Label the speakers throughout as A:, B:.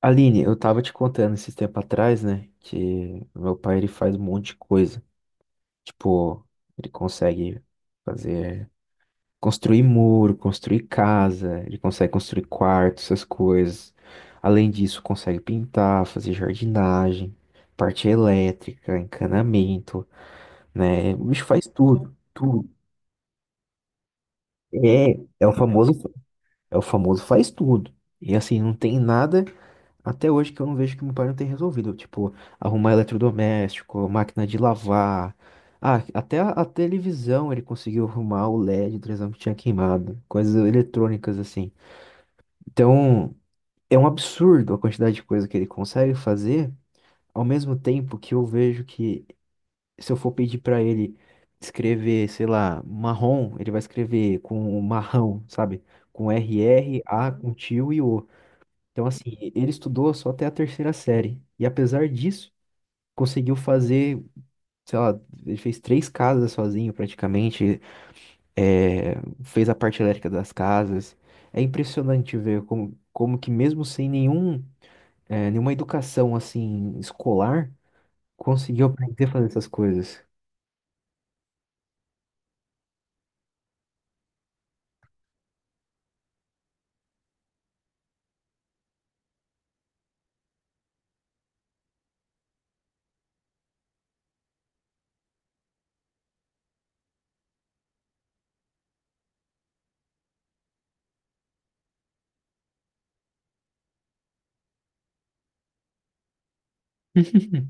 A: Aline, eu tava te contando esses tempo atrás, né, que meu pai ele faz um monte de coisa. Tipo, ele consegue fazer, construir muro, construir casa, ele consegue construir quarto, essas coisas. Além disso, consegue pintar, fazer jardinagem, parte elétrica, encanamento, né? O bicho faz tudo, tudo. É, é o famoso, é o famoso faz tudo. E assim, não tem nada até hoje que eu não vejo que meu pai não tem resolvido. Tipo, arrumar eletrodoméstico, máquina de lavar. Ah, até a televisão ele conseguiu arrumar o LED da televisão que tinha queimado. Coisas eletrônicas assim. Então, é um absurdo a quantidade de coisa que ele consegue fazer, ao mesmo tempo que eu vejo que se eu for pedir pra ele escrever, sei lá, marrom, ele vai escrever com marrão, sabe? Com RR, A, com tio e O. Então, assim, ele estudou só até a terceira série. E apesar disso, conseguiu fazer, sei lá, ele fez três casas sozinho praticamente, é, fez a parte elétrica das casas. É impressionante ver como, como que mesmo sem nenhum, nenhuma educação, assim, escolar, conseguiu aprender a fazer essas coisas.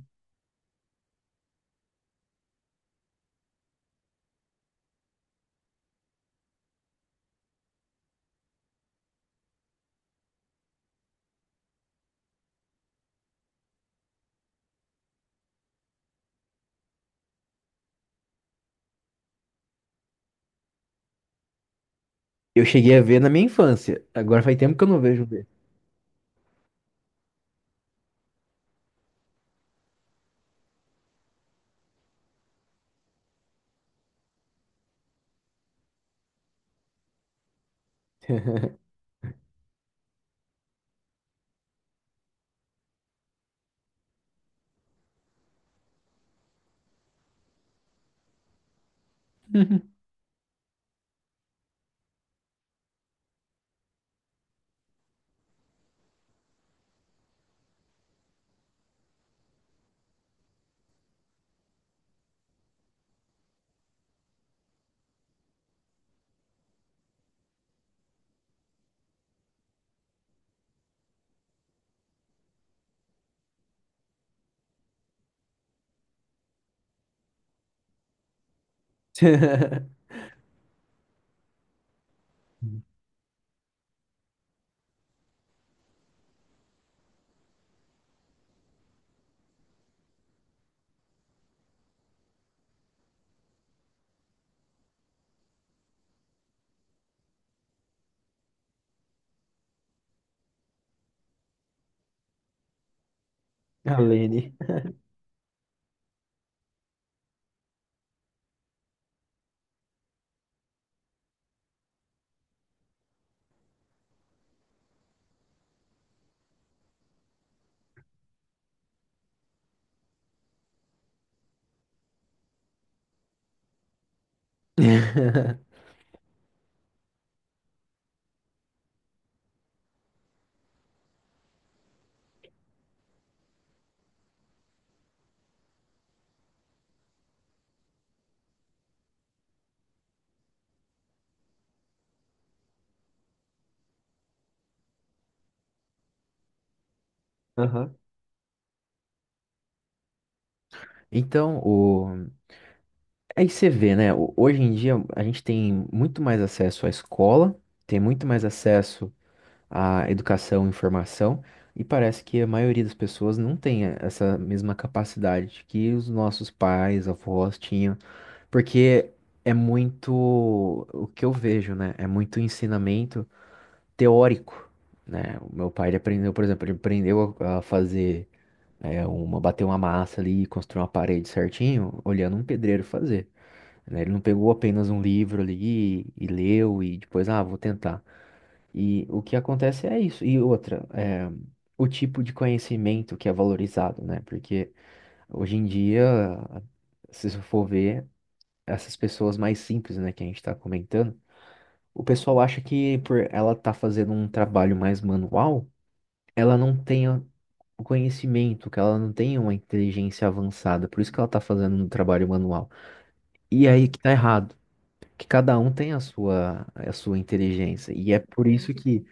A: Eu cheguei a ver na minha infância. Agora faz tempo que eu não vejo um desses. A Lene. Aham. Então, o... Aí você vê, né? Hoje em dia a gente tem muito mais acesso à escola, tem muito mais acesso à educação e informação, e parece que a maioria das pessoas não tem essa mesma capacidade que os nossos pais, avós tinham, porque é muito o que eu vejo, né? É muito ensinamento teórico, né? O meu pai ele aprendeu, por exemplo, ele aprendeu a fazer uma, bater uma massa ali e construir uma parede certinho, olhando um pedreiro fazer, né? Ele não pegou apenas um livro ali e, leu e depois, ah, vou tentar. E o que acontece é isso. E outra, é, o tipo de conhecimento que é valorizado, né? Porque hoje em dia, se você for ver, essas pessoas mais simples, né, que a gente está comentando, o pessoal acha que por ela estar fazendo um trabalho mais manual, ela não tenha o conhecimento, que ela não tenha uma inteligência avançada, por isso que ela está fazendo um trabalho manual. E aí que tá errado. Que cada um tem a sua inteligência. E é por isso que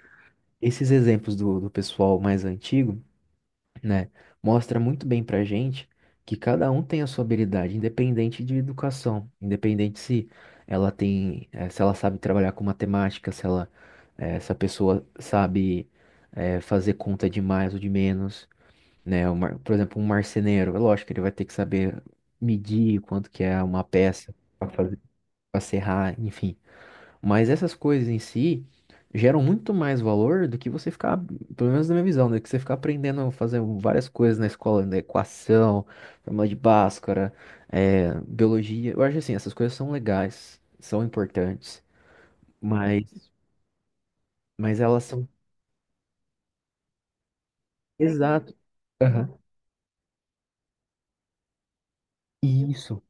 A: esses exemplos do pessoal mais antigo, né, mostra muito bem pra gente que cada um tem a sua habilidade, independente de educação, independente se ela tem, se ela sabe trabalhar com matemática, se ela, se a pessoa sabe, fazer conta de mais ou de menos, né? Por exemplo, um marceneiro, é lógico que ele vai ter que saber medir quanto que é uma peça para fazer, para serrar, enfim. Mas essas coisas em si geram muito mais valor do que você ficar, pelo menos na minha visão, né? Que você ficar aprendendo a fazer várias coisas na escola, né? Equação, fórmula de Bhaskara, biologia. Eu acho assim, essas coisas são legais, são importantes, mas, mas elas são. Exato. Aham. Isso.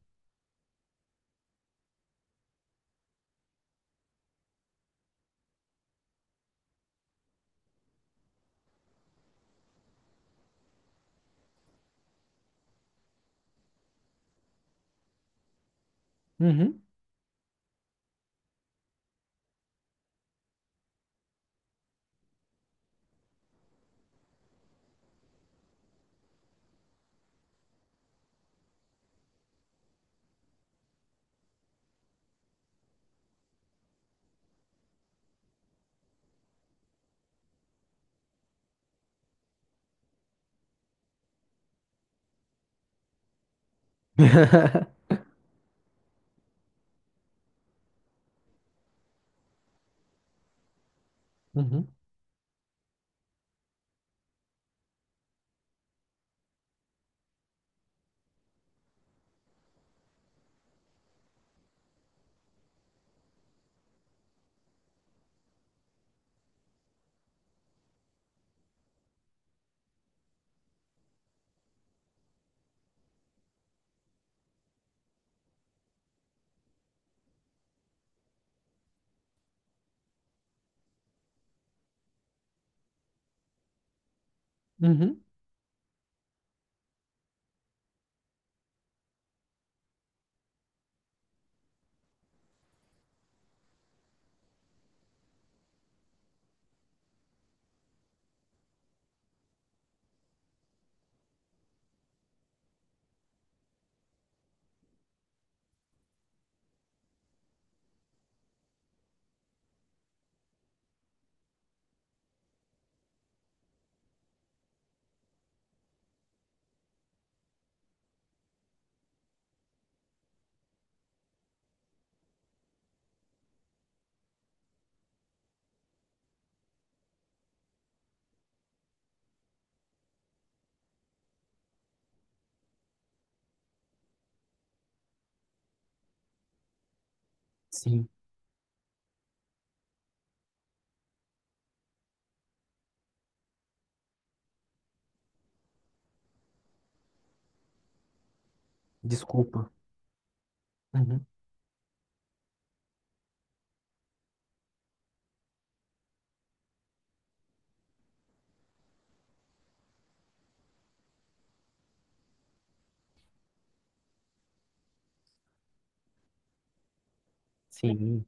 A: Uhum. Uhum. Uhum. Sim. Desculpa. Uhum. Sim.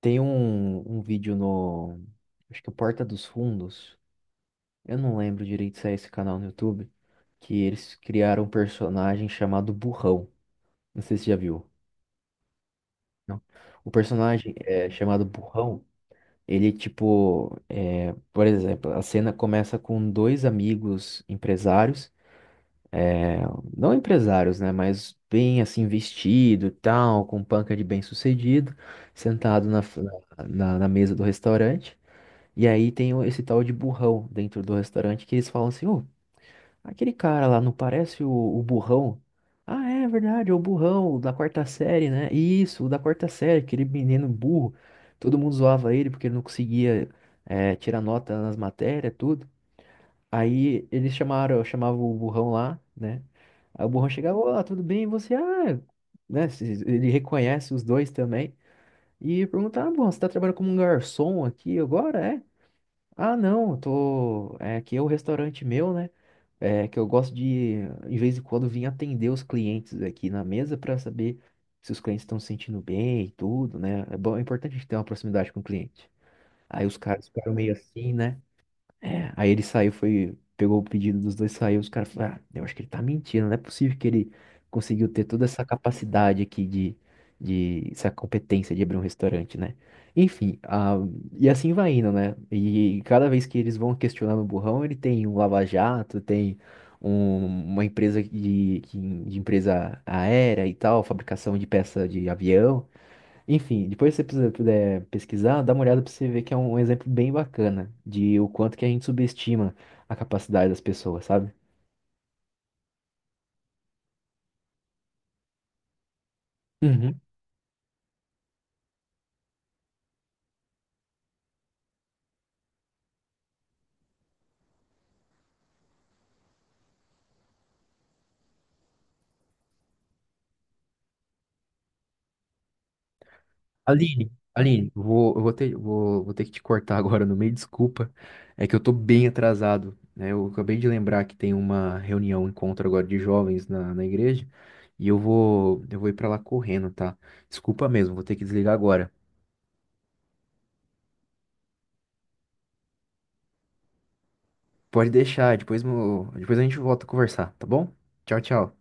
A: Tem um vídeo no. Acho que é Porta dos Fundos. Eu não lembro direito se é esse canal no YouTube, que eles criaram um personagem chamado Burrão. Não sei se você já viu. Não? O personagem é chamado Burrão. Ele, tipo, é, por exemplo, a cena começa com dois amigos empresários, é, não empresários, né, mas bem assim vestido, e tal, com panca de bem-sucedido, sentado na mesa do restaurante. E aí tem esse tal de burrão dentro do restaurante que eles falam assim, ô, aquele cara lá, não parece o burrão? Ah, é verdade, é o burrão, o da quarta série, né? Isso, o da quarta série, aquele menino burro. Todo mundo zoava ele porque ele não conseguia tirar nota nas matérias, tudo. Aí eles chamavam o burrão lá, né? Aí o burrão chegava, olá, tudo bem? E você, ah, né? Ele reconhece os dois também. E pergunta, ah, burrão, você tá trabalhando como um garçom aqui agora, é? Ah, não, eu tô... É, aqui é o restaurante meu, né? É que eu gosto de vez em quando, vir atender os clientes aqui na mesa para saber se os clientes estão se sentindo bem e tudo, né? É bom, é importante a gente ter uma proximidade com o cliente. Aí os caras ficaram meio assim, né? É, aí ele saiu, foi, pegou o pedido dos dois, saiu, os caras falaram, ah, eu acho que ele tá mentindo, não é possível que ele conseguiu ter toda essa capacidade aqui de essa competência de abrir um restaurante, né? Enfim, ah, e assim vai indo, né? E cada vez que eles vão questionando o burrão, ele tem um lava-jato, tem um- uma empresa de, de empresa aérea e tal, fabricação de peça de avião. Enfim, depois se você puder pesquisar, dá uma olhada para você ver que é um exemplo bem bacana de o quanto que a gente subestima a capacidade das pessoas, sabe? Uhum. Aline, Aline, vou, eu vou ter, vou, vou ter que te cortar agora no meio, desculpa. É que eu tô bem atrasado, né? Eu acabei de lembrar que tem uma reunião, um encontro agora de jovens na, na igreja, e eu vou ir pra lá correndo, tá? Desculpa mesmo, vou ter que desligar agora. Pode deixar, depois, depois a gente volta a conversar, tá bom? Tchau, tchau.